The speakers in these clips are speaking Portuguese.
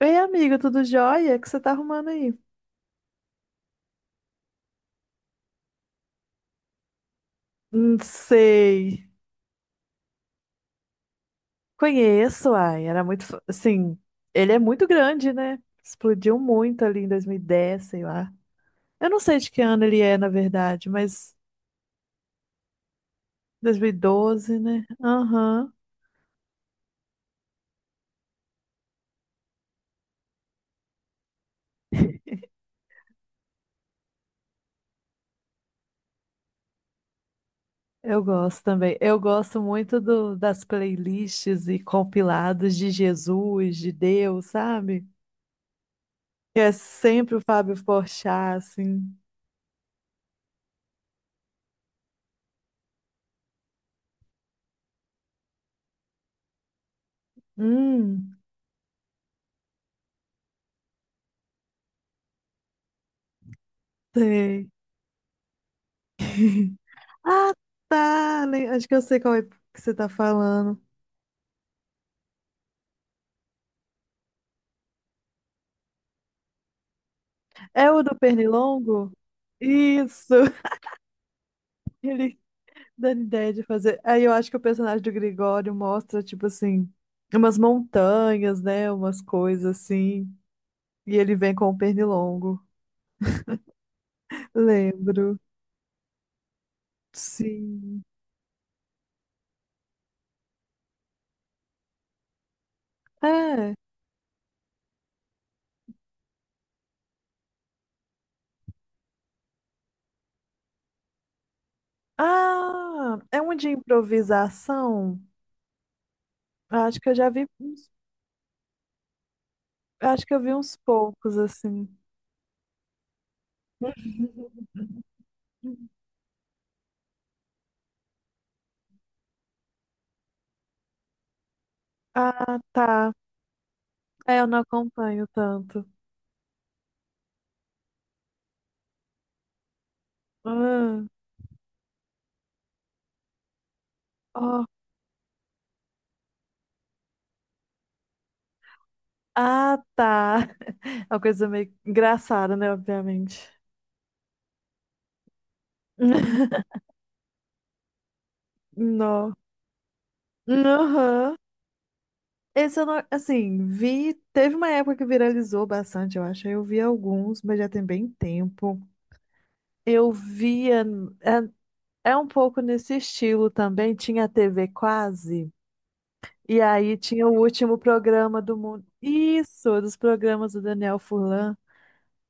Ei, amiga, tudo jóia? O que você tá arrumando aí? Não sei. Conheço, ai, era muito, assim, ele é muito grande, né? Explodiu muito ali em 2010, sei lá. Eu não sei de que ano ele é, na verdade, mas 2012, né? Aham. Eu gosto também. Eu gosto muito das playlists e compilados de Jesus, de Deus, sabe? Que é sempre o Fábio Porchat, assim. Hum. Sei. Ah, tá. Acho que eu sei qual é que você tá falando. É o do Pernilongo? Isso! Ele dando ideia de fazer. Aí eu acho que o personagem do Gregório mostra, tipo assim, umas montanhas, né? Umas coisas assim. E ele vem com o Pernilongo. Lembro. Sim. É. Ah, é um de improvisação? Acho que eu já vi. Acho que eu vi uns poucos, assim. Ah, tá. É, eu não acompanho tanto. Ah, ó. Ah, tá. É uma coisa meio engraçada, né? Obviamente. Não. Aham. Esse eu não, assim, vi. Teve uma época que viralizou bastante, eu acho. Aí eu vi alguns, mas já tem bem tempo. Eu via. É, um pouco nesse estilo também. Tinha a TV Quase. E aí tinha o último programa do mundo. Isso, dos programas do Daniel Furlan.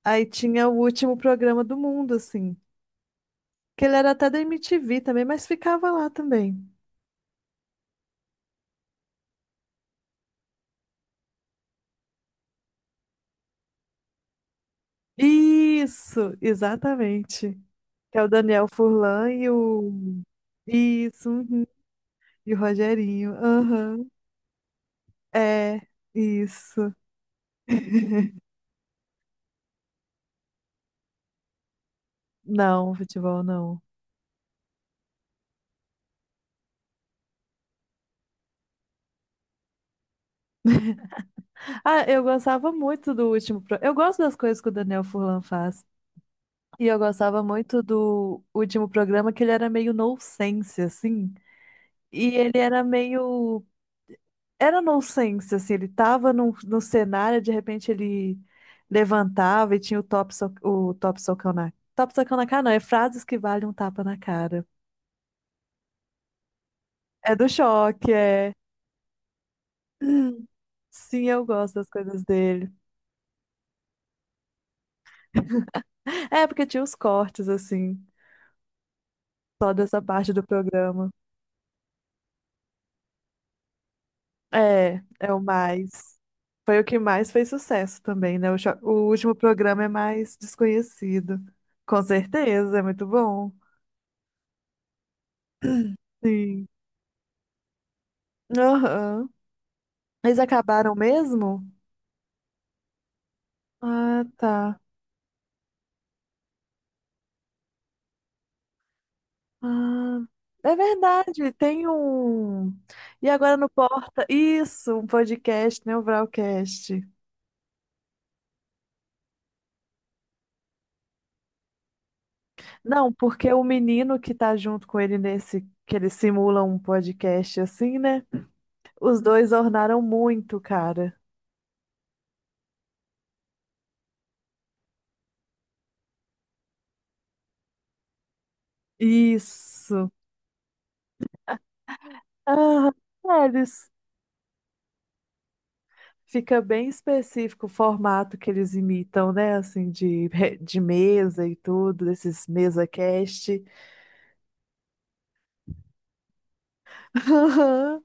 Aí tinha o último programa do mundo, assim. Que ele era até da MTV também, mas ficava lá também. Isso, exatamente. Que é o Daniel Furlan e o. Isso, uhum. E o Rogerinho. Aham. É, isso. Não, futebol não. Ah, eu gostava muito do último. Eu gosto das coisas que o Daniel Furlan faz. E eu gostava muito do último programa, que ele era meio nonsense, assim. E ele era nonsense, assim, ele tava no cenário, de repente ele levantava e tinha o top socão na cara não, é frases que valem um tapa na cara. É do choque, é. Sim, eu gosto das coisas dele. É, porque tinha os cortes, assim, só dessa parte do programa. É, o mais. Foi o que mais fez sucesso também, né? O último programa é mais desconhecido. Com certeza, é muito bom. Sim. Aham. Eles acabaram mesmo? Ah, tá. Ah, é verdade, tem um. E agora no Porta. Isso, um podcast, né? O Vralcast. Não, porque o menino que tá junto com ele nesse. Que ele simula um podcast assim, né? Os dois ornaram muito, cara. Isso. Ah, é, eles. Fica bem específico o formato que eles imitam, né? Assim, de mesa e tudo, desses mesa cast. Aham.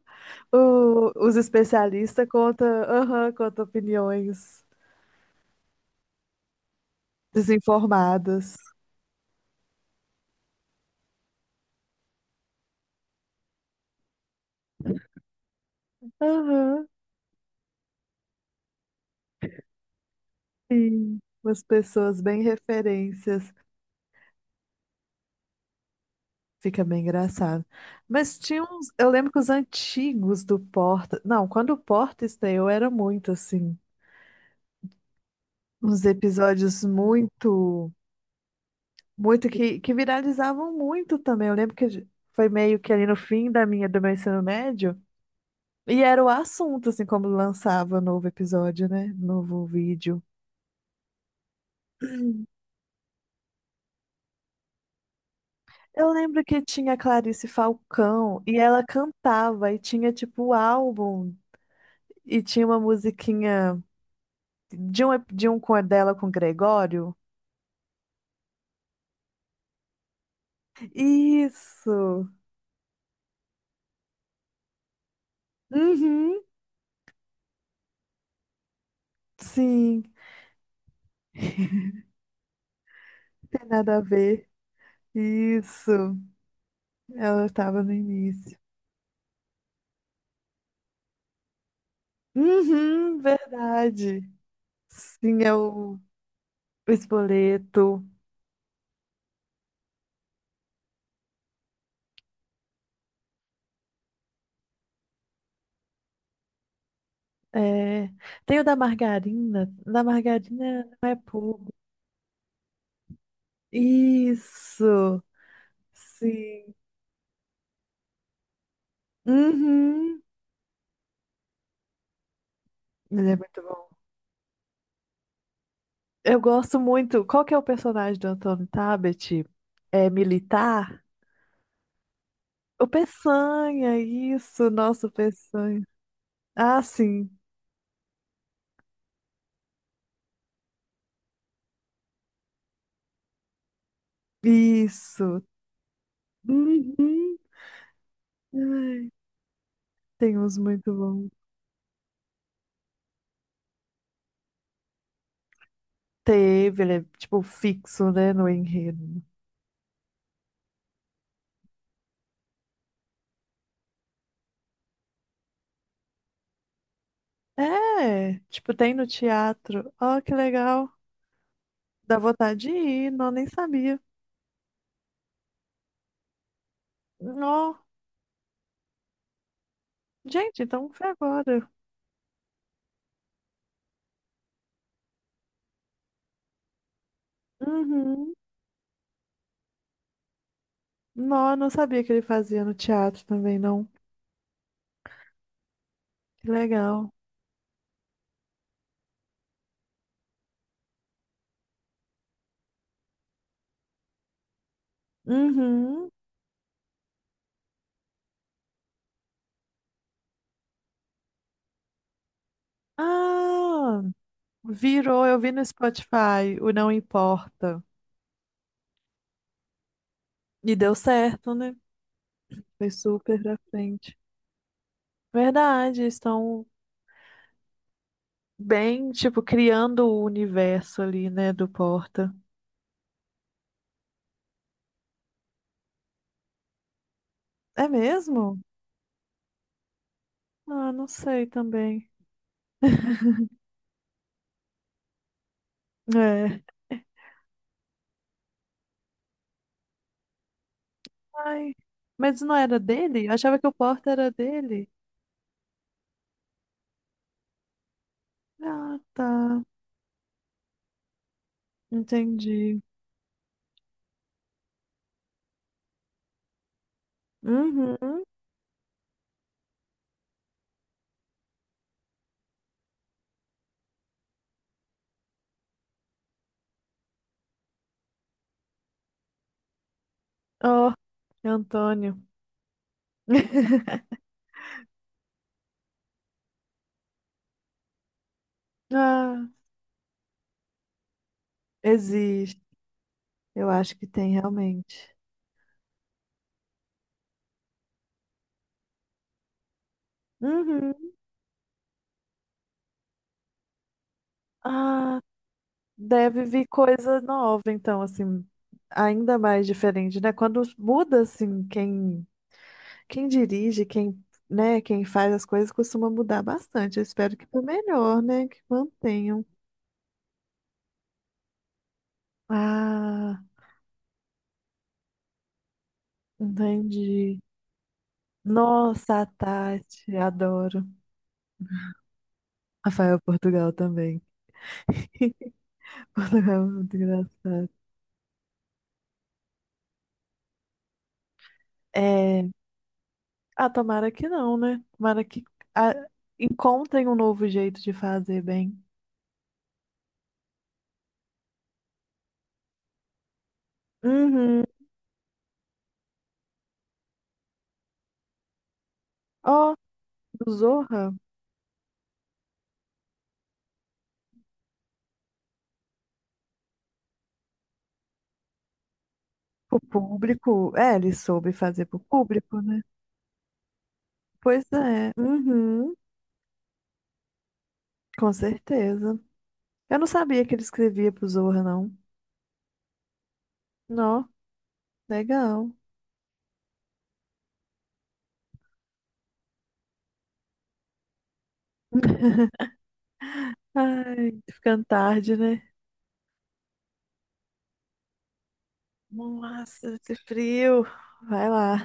Os especialistas contam, aham, contam opiniões desinformadas. Aham, sim. Umas pessoas bem referências. Fica bem engraçado. Mas tinha uns. Eu lembro que os antigos do Porta. Não, quando o Porta estreou, era muito assim. Uns episódios muito. Muito que viralizavam muito também. Eu lembro que foi meio que ali no fim da minha, do meu ensino médio. E era o assunto, assim, como lançava novo episódio, né? Novo vídeo. Eu lembro que tinha a Clarice Falcão e ela cantava e tinha, tipo, o álbum e tinha uma musiquinha de um com a dela com o Gregório. Isso! Uhum, sim, tem nada a ver. Isso, ela estava no início. Uhum, verdade. Sim, é o Espoleto. É, tem o da margarina. Da margarina não é público. Isso, sim. Uhum. Ele é muito bom. Eu gosto muito. Qual que é o personagem do Antônio Tabet? É militar? O Peçanha, isso, nosso Peçanha. Ah, sim, isso. Uhum. Ai, tem uns muito bons. Teve, ele é tipo fixo, né, no enredo. É, tipo, tem no teatro. Ó, que legal. Dá vontade de ir, não, nem sabia. Nó, gente, então foi agora. Uhum. Nó, não sabia que ele fazia no teatro também, não. Que legal. Uhum. Ah, virou, eu vi no Spotify, o Não Importa. E deu certo, né? Foi super pra frente. Verdade, estão bem, tipo, criando o universo ali, né, do Porta. É mesmo? Ah, não sei também. É. Ai, mas não era dele? Eu achava que o Porta era dele. Ah, tá. Entendi. Uhum. Oh, Antônio. Ah, existe. Eu acho que tem realmente. Uhum. Ah, deve vir coisa nova, então, assim, ainda mais diferente, né? Quando muda, assim, quem dirige, quem, né, quem faz as coisas costuma mudar bastante. Eu espero que para melhor, né? Que mantenham. Ah, entendi. Nossa, a Tati, adoro. Rafael Portugal também. Portugal é muito engraçado. É. Ah, tomara que não, né? Tomara que ah, encontrem um novo jeito de fazer bem. Uhum. Ó, do Zorra, pro público. É, ele soube fazer pro público, né? Pois é. Uhum. Com certeza. Eu não sabia que ele escrevia pro Zorra, não. Nó, legal. Ai, ficando tarde, né? Nossa, esse frio. Vai lá.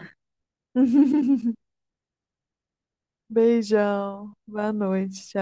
Beijão. Boa noite.